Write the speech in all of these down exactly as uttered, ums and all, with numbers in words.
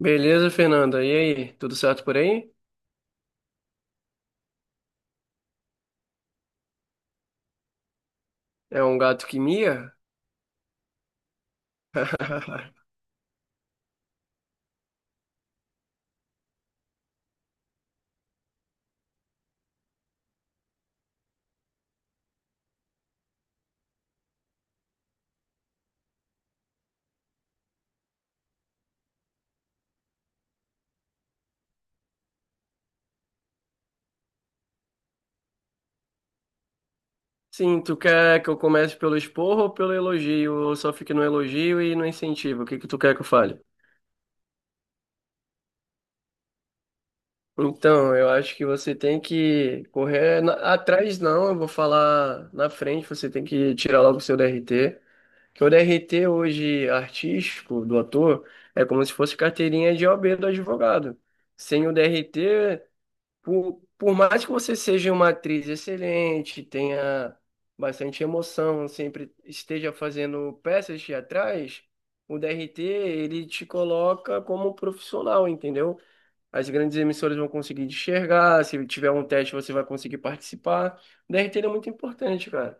Beleza, Fernanda? E aí, tudo certo por aí? É um gato que mia? Sim, tu quer que eu comece pelo esporro ou pelo elogio? Ou só fique no elogio e no incentivo? O que que tu quer que eu fale? Então, eu acho que você tem que correr na- atrás, não, eu vou falar na frente, você tem que tirar logo o seu D R T. Que o D R T hoje artístico do ator é como se fosse carteirinha de O A B do advogado. Sem o D R T, Por, por mais que você seja uma atriz excelente, tenha bastante emoção, sempre esteja fazendo peças teatrais, o D R T ele te coloca como profissional, entendeu? As grandes emissoras vão conseguir te enxergar, se tiver um teste você vai conseguir participar. O D R T ele é muito importante, cara.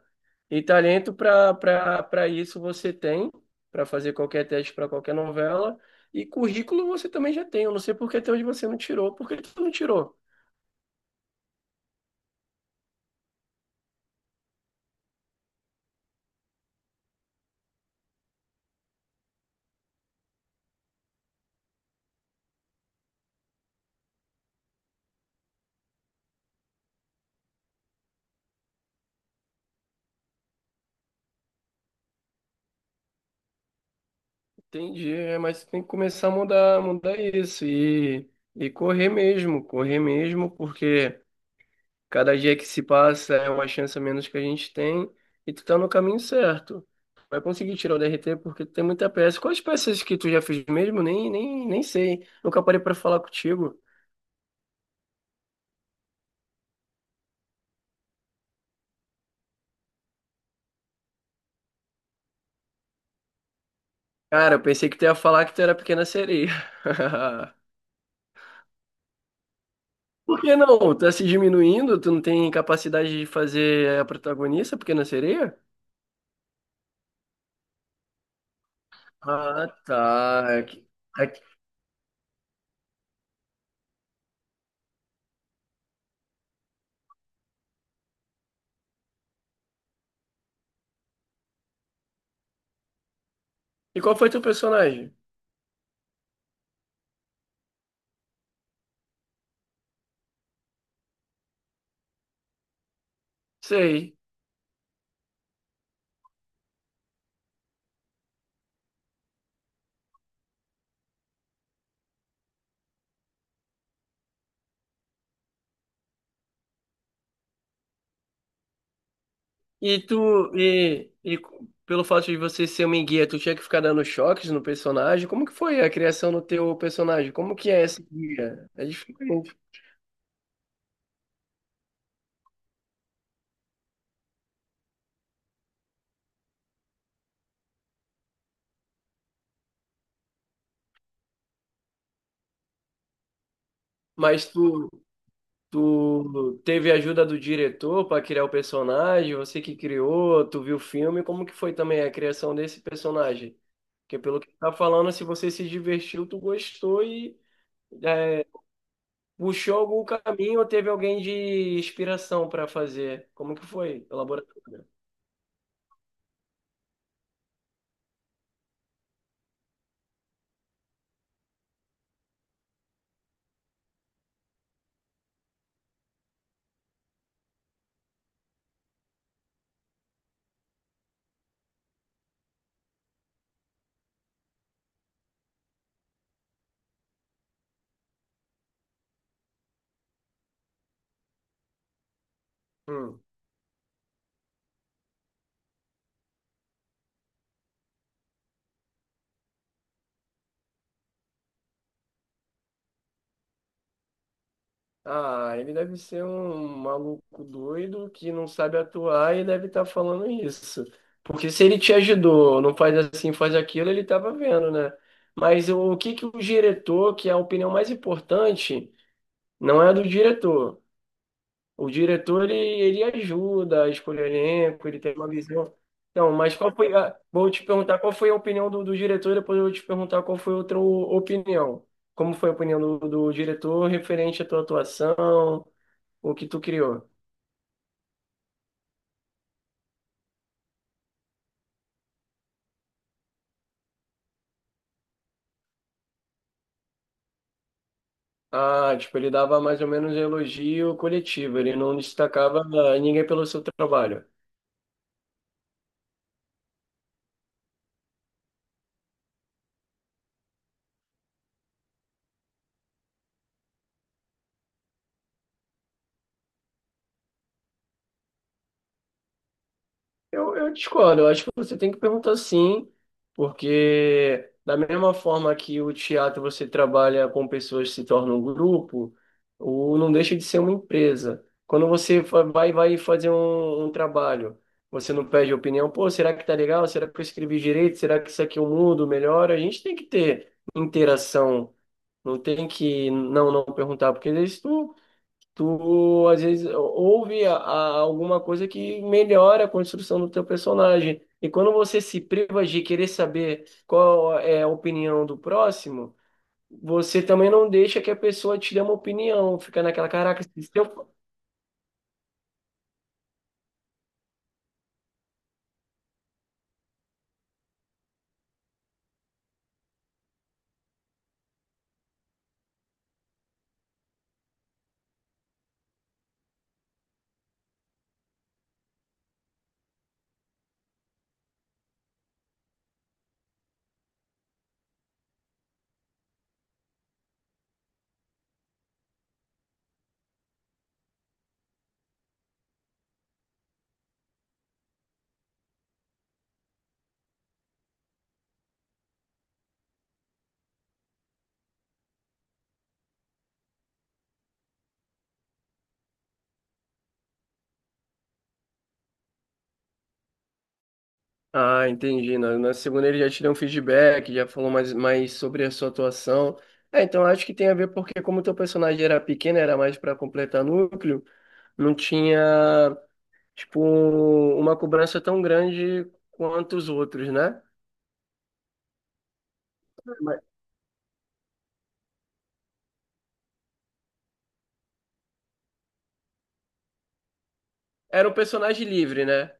E talento para para para isso você tem, para fazer qualquer teste para qualquer novela. E currículo você também já tem. Eu não sei por que até hoje você não tirou. Por que tu não tirou? Entendi, é, mas tem que começar a mudar, mudar isso e, e correr mesmo, correr mesmo, porque cada dia que se passa é uma chance a menos que a gente tem e tu tá no caminho certo. Vai conseguir tirar o D R T porque tu tem muita peça. Quais peças que tu já fez mesmo? Nem, nem, nem sei. Nunca parei pra falar contigo. Cara, eu pensei que tu ia falar que tu era pequena sereia. Por que não? Tá se diminuindo? Tu não tem capacidade de fazer a protagonista, pequena sereia? Ah, tá. É que, é E qual foi teu personagem? Sei. E tu, e, e pelo fato de você ser uma enguia, tu tinha que ficar dando choques no personagem? Como que foi a criação do teu personagem? Como que é essa guia? É diferente. Mas tu, tu teve a ajuda do diretor para criar o personagem? Você que criou, tu viu o filme? Como que foi também a criação desse personagem? Porque pelo que tu tá falando, se você se divertiu, tu gostou e é, puxou algum caminho ou teve alguém de inspiração para fazer? Como que foi a laboratório? Hum. Ah, ele deve ser um maluco doido que não sabe atuar e deve estar falando isso. Porque se ele te ajudou, não faz assim, faz aquilo, ele estava vendo, né? Mas o que que o diretor, que é a opinião mais importante, não é a do diretor. O diretor, ele, ele ajuda a escolher elenco, ele tem uma visão. Então, mas qual foi a... Vou te perguntar qual foi a opinião do, do diretor, depois eu vou te perguntar qual foi outra o- opinião. Como foi a opinião do, do diretor referente à tua atuação, o que tu criou? Ah, tipo, ele dava mais ou menos elogio coletivo, ele não destacava ninguém pelo seu trabalho. Eu, eu discordo, eu acho que você tem que perguntar sim, porque da mesma forma que o teatro você trabalha com pessoas que se tornam um grupo, o não deixa de ser uma empresa. Quando você fa- vai, vai fazer um, um trabalho, você não pede opinião, pô, será que tá legal? Será que eu escrevi direito? Será que isso aqui eu mudo, melhor? A gente tem que ter interação, não tem que não, não perguntar, porque isso tu, às vezes, ouve a- a- alguma coisa que melhora a construção do teu personagem. E quando você se priva de querer saber qual é a opinião do próximo, você também não deixa que a pessoa te dê uma opinião. Fica naquela, caraca, se eu... Ah, entendi. Na, na segunda ele já te deu um feedback, já falou mais, mais sobre a sua atuação. É, então acho que tem a ver porque como teu personagem era pequeno, era mais para completar núcleo, não tinha. Tipo, um- uma cobrança tão grande quanto os outros, né? Mas- Era um personagem livre, né?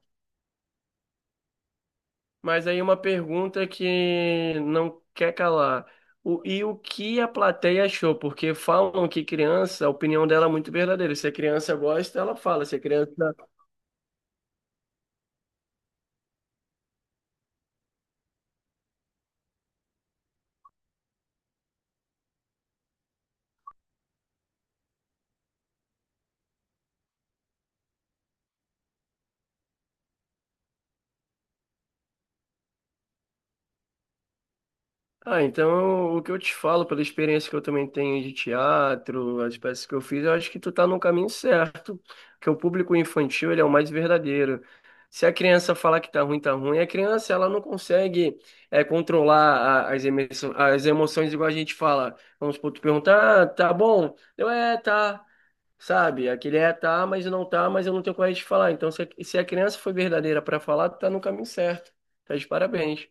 Mas aí uma pergunta que não quer calar. O, e o que a plateia achou? Porque falam que criança, a opinião dela é muito verdadeira. Se a criança gosta, ela fala. Se a criança... Ah, então o que eu te falo, pela experiência que eu também tenho de teatro, as peças que eu fiz, eu acho que tu tá no caminho certo, que o público infantil, ele é o mais verdadeiro. Se a criança falar que tá ruim, tá ruim, a criança, ela não consegue é, controlar a- as emoções, as emoções igual a gente fala. Vamos supor, tu perguntar, ah, tá bom? Eu, é, tá, sabe? Aquele é, tá, mas não tá, mas eu não tenho coragem de falar. Então, se a, se a criança foi verdadeira para falar, tu tá no caminho certo. Tá de parabéns.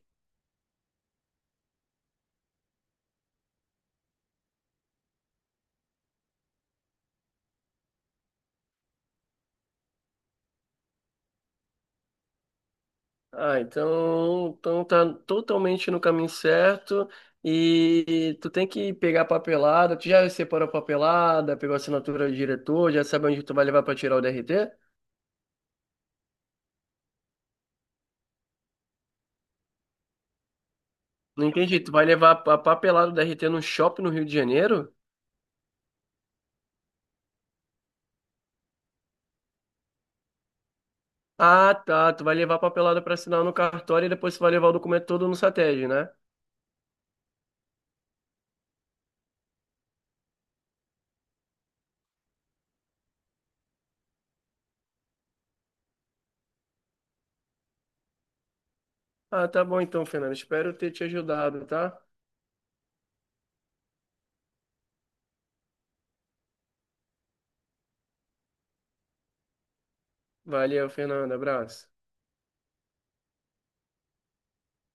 Ah, então, então tá totalmente no caminho certo e tu tem que pegar a papelada. Tu já separou a papelada, pegou a assinatura do diretor, já sabe onde tu vai levar para tirar o D R T? Não entendi, tu vai levar a papelada do D R T no shopping no Rio de Janeiro? Ah, tá, tu vai levar a papelada para assinar no cartório e depois tu vai levar o documento todo no SATED, né? Ah, tá bom então, Fernando. Espero ter te ajudado, tá? Valeu, Fernando. Abraço.